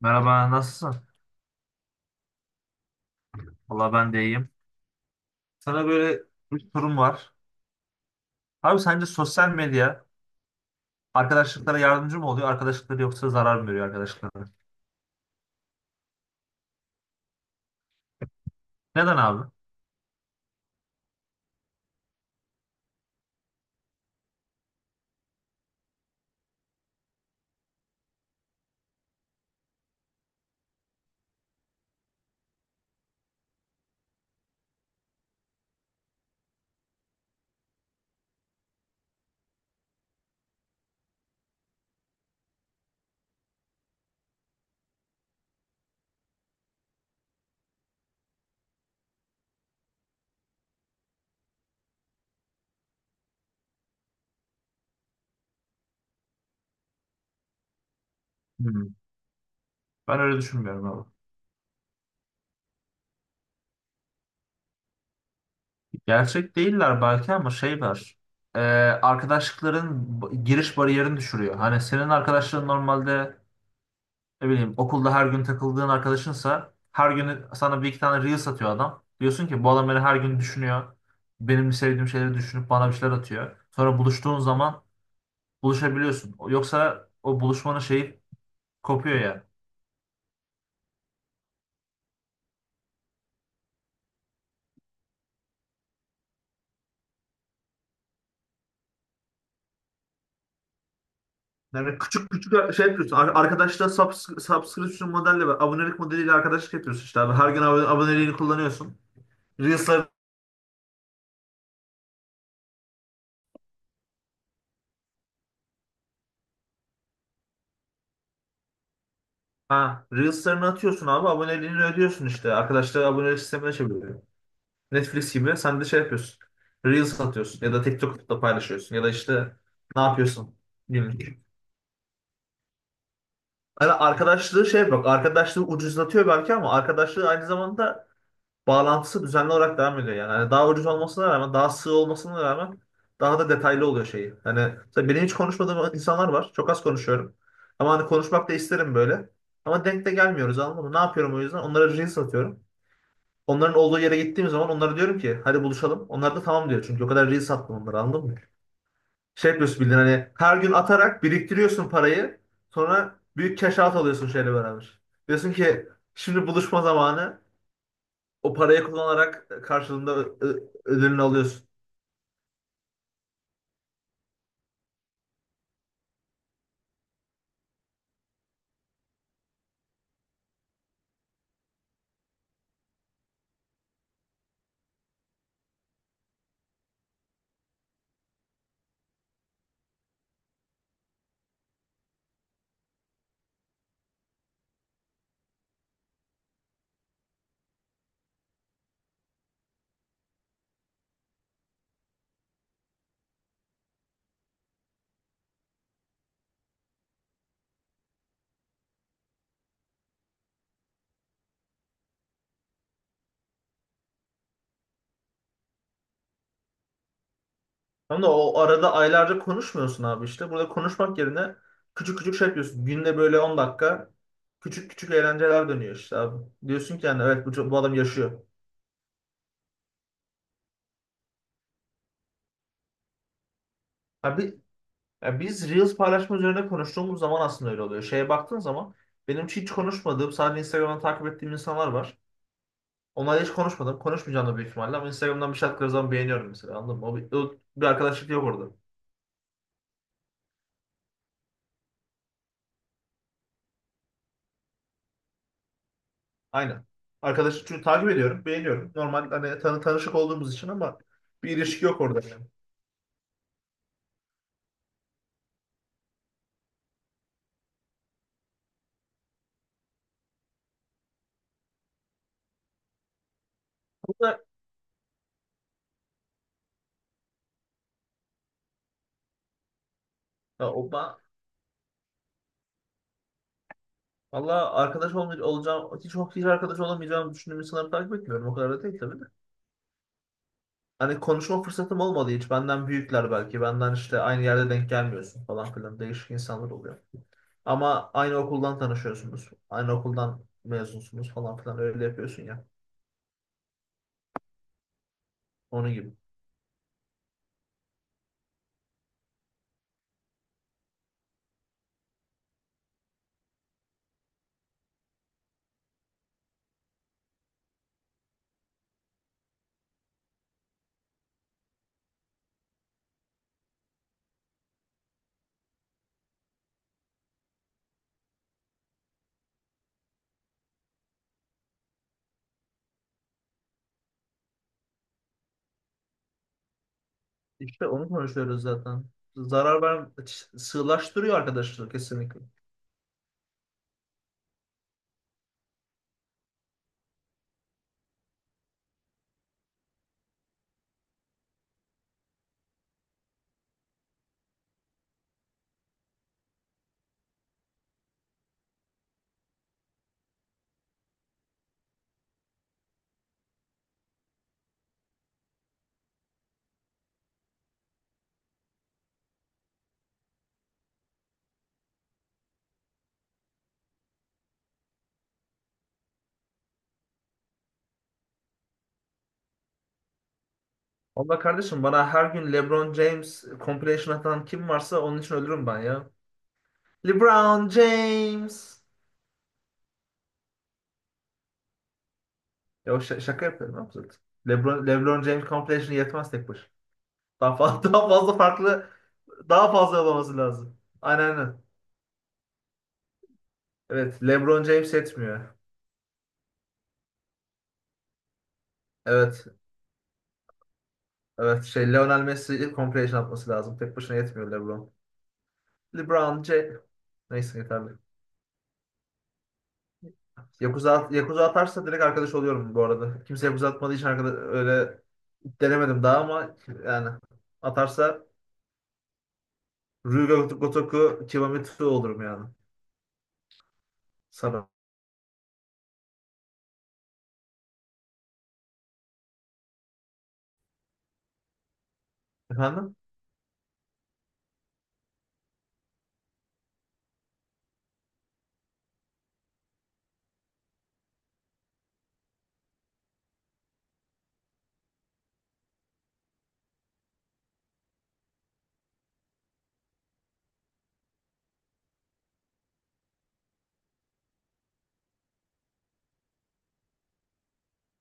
Merhaba, nasılsın? Valla ben de iyiyim. Sana böyle bir sorum var. Abi sence sosyal medya arkadaşlıklara yardımcı mı oluyor, arkadaşlıkları yoksa zarar mı veriyor arkadaşlıklara? Neden abi? Hmm. Ben öyle düşünmüyorum abi. Gerçek değiller belki ama şey var. Ee, arkadaşlıkların giriş bariyerini düşürüyor. Hani senin arkadaşların normalde, ne bileyim, okulda her gün takıldığın arkadaşınsa her gün sana bir iki tane Reels atıyor adam. Diyorsun ki bu adam beni her gün düşünüyor. Benim sevdiğim şeyleri düşünüp bana bir şeyler atıyor. Sonra buluştuğun zaman buluşabiliyorsun. Yoksa o buluşmanın şeyi kopuyor yani. Yani küçük küçük şey yapıyorsun. Arkadaşla subscription modelle, ve abonelik modeliyle arkadaşlık yapıyorsun işte abi. Her gün aboneliğini kullanıyorsun. Reels'lar ha, Reels'larını atıyorsun abi. Aboneliğini ödüyorsun işte. Arkadaşlar abonelik sistemine çeviriyor. Netflix gibi sen de şey yapıyorsun. Reels atıyorsun ya da TikTok'ta paylaşıyorsun ya da işte ne yapıyorsun günlük. Yani arkadaşlığı şey yapıyor. Arkadaşlığı ucuzlatıyor belki ama arkadaşlığı aynı zamanda bağlantısı düzenli olarak devam ediyor yani. Hani daha ucuz olmasına rağmen, daha sığ olmasına rağmen daha da detaylı oluyor şeyi. Hani mesela benim hiç konuşmadığım insanlar var. Çok az konuşuyorum. Ama hani konuşmak da isterim böyle. Ama denk de gelmiyoruz, anladın mı? Ne yapıyorum o yüzden? Onlara reels atıyorum. Onların olduğu yere gittiğim zaman onlara diyorum ki hadi buluşalım. Onlar da tamam diyor. Çünkü o kadar reels attım onlara, anladın mı? Şey yapıyorsun bildiğin, hani her gün atarak biriktiriyorsun parayı. Sonra büyük cash out alıyorsun şeyle beraber. Diyorsun ki şimdi buluşma zamanı. O parayı kullanarak karşılığında ödülünü alıyorsun. Ama da o arada aylarca konuşmuyorsun abi işte. Burada konuşmak yerine küçük küçük şey yapıyorsun. Günde böyle 10 dakika küçük küçük eğlenceler dönüyor işte abi. Diyorsun ki yani evet bu adam yaşıyor. Abi, ya biz Reels paylaşma üzerine konuştuğumuz zaman aslında öyle oluyor. Şeye baktığın zaman benim hiç konuşmadığım, sadece Instagram'dan takip ettiğim insanlar var. Onlarla hiç konuşmadım. Konuşmayacağım da büyük ihtimalle ama Instagram'dan bir şey attıkları zaman beğeniyorum mesela. Anladın mı? O bir arkadaşlık yok orada. Aynen. Arkadaşlık çünkü takip ediyorum, beğeniyorum. Normal hani tanışık olduğumuz için ama bir ilişki yok orada. Yani. Bu da ya, o, ben, valla olacağım, hiç arkadaş olamayacağımı düşündüğüm insanları takip etmiyorum. O kadar da değil tabii de. Hani konuşma fırsatım olmadı hiç. Benden büyükler belki. Benden işte aynı yerde denk gelmiyorsun falan filan. Değişik insanlar oluyor. Ama aynı okuldan tanışıyorsunuz. Aynı okuldan mezunsunuz falan filan. Öyle yapıyorsun ya. Onun gibi. İşte onu konuşuyoruz zaten. Zarar ver, sığlaştırıyor arkadaşlığı kesinlikle. Valla kardeşim bana her gün LeBron James compilation atan kim varsa onun için ölürüm ben ya. LeBron James. Ya o şaka yapıyorum abi zaten. LeBron James compilation yetmez tek başına. Daha fazla, daha fazla farklı daha fazla olması lazım. Aynen, aynen. Evet, LeBron James yetmiyor. Evet. Evet, şey Lionel Messi compilation atması lazım. Tek başına yetmiyor LeBron. LeBron James. Neyse yeterli. Yakuza, Yakuza atarsa direkt arkadaş oluyorum bu arada. Kimse Yakuza atmadığı için arkadaş, öyle denemedim daha ama yani atarsa Ryuga Gotoku Kibamitsu olurum yani. Sana. Efendim?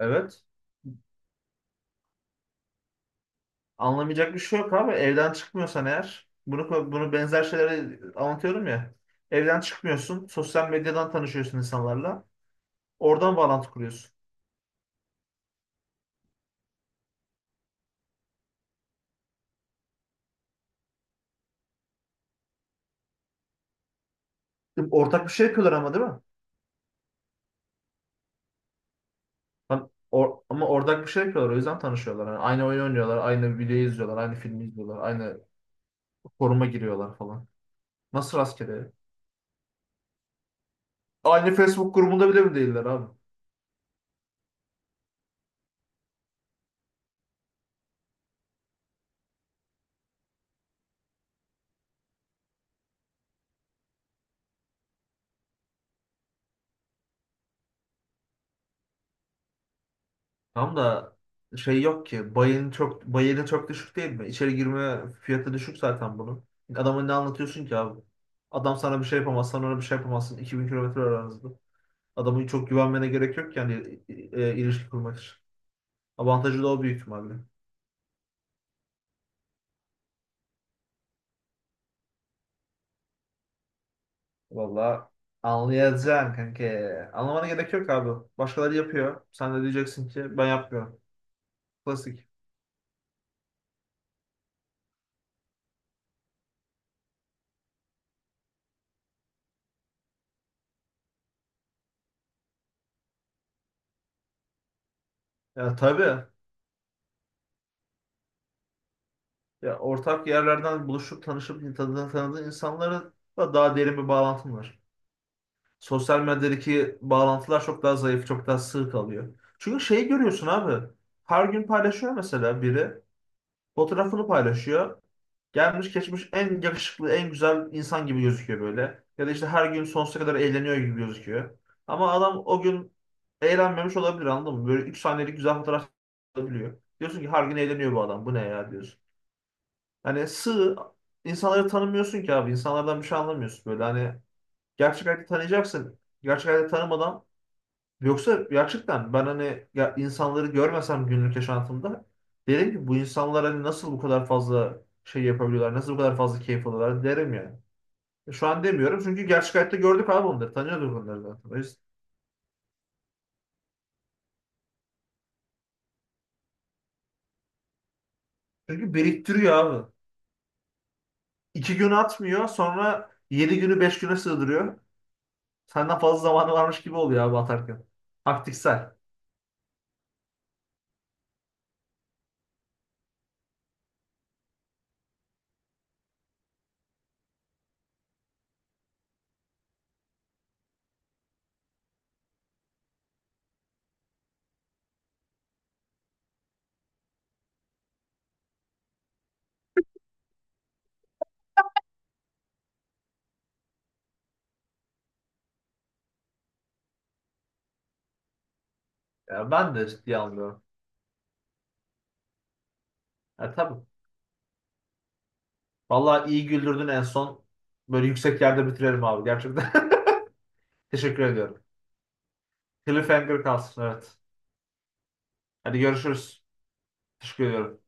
Evet. Anlamayacak bir şey yok abi. Evden çıkmıyorsan eğer, bunu benzer şeyleri anlatıyorum ya. Evden çıkmıyorsun, sosyal medyadan tanışıyorsun insanlarla. Oradan bağlantı kuruyorsun. Ortak bir şey yapıyorlar ama, değil mi? Lan ama ortak bir şey yapıyorlar, o yüzden tanışıyorlar. Yani aynı oyun oynuyorlar, aynı videoyu izliyorlar, aynı filmi izliyorlar, aynı foruma giriyorlar falan. Nasıl rastgele? Aynı Facebook grubunda bile mi değiller abi? Tam da şey yok ki. Bayını çok düşük değil mi? İçeri girme fiyatı düşük zaten bunun. Adama ne anlatıyorsun ki abi? Adam sana bir şey yapamaz, sana ona bir şey yapamazsın. 2.000 kilometre aranızda. Adamı çok güvenmene gerek yok ki yani ilişki kurmak için. Avantajı da o büyük ihtimalle. Valla anlayacaksın kanka. Anlamana gerek yok abi. Başkaları yapıyor. Sen de diyeceksin ki ben yapmıyorum. Klasik. Ya tabii. Ya ortak yerlerden buluşup tanışıp tanıdığın insanlara da daha derin bir bağlantın var. Sosyal medyadaki bağlantılar çok daha zayıf, çok daha sığ kalıyor. Çünkü şeyi görüyorsun abi. Her gün paylaşıyor mesela biri. Fotoğrafını paylaşıyor. Gelmiş geçmiş en yakışıklı, en güzel insan gibi gözüküyor böyle. Ya da işte her gün sonsuza kadar eğleniyor gibi gözüküyor. Ama adam o gün eğlenmemiş olabilir, anladın mı? Böyle 3 saniyelik güzel fotoğraf alabiliyor. Diyorsun ki her gün eğleniyor bu adam. Bu ne ya diyorsun. Hani sığ insanları tanımıyorsun ki abi. İnsanlardan bir şey anlamıyorsun böyle. Hani gerçek hayatta tanıyacaksın. Gerçek hayatta tanımadan, yoksa gerçekten ben hani ya insanları görmesem günlük yaşantımda derim ki bu insanlar hani nasıl bu kadar fazla şey yapabiliyorlar, nasıl bu kadar fazla keyif alıyorlar derim yani. Şu an demiyorum çünkü gerçek hayatta gördük abi onları, tanıyorduk onları zaten. O yüzden. Çünkü biriktiriyor abi. 2 gün atmıyor, sonra 7 günü 5 güne sığdırıyor. Senden fazla zamanı varmış gibi oluyor abi atarken. Taktiksel. Ya ben de ciddiye almıyorum. Ya tabii. Vallahi iyi güldürdün en son. Böyle yüksek yerde bitirelim abi gerçekten. Teşekkür ediyorum. Cliffhanger kalsın, evet. Hadi görüşürüz. Teşekkür ediyorum.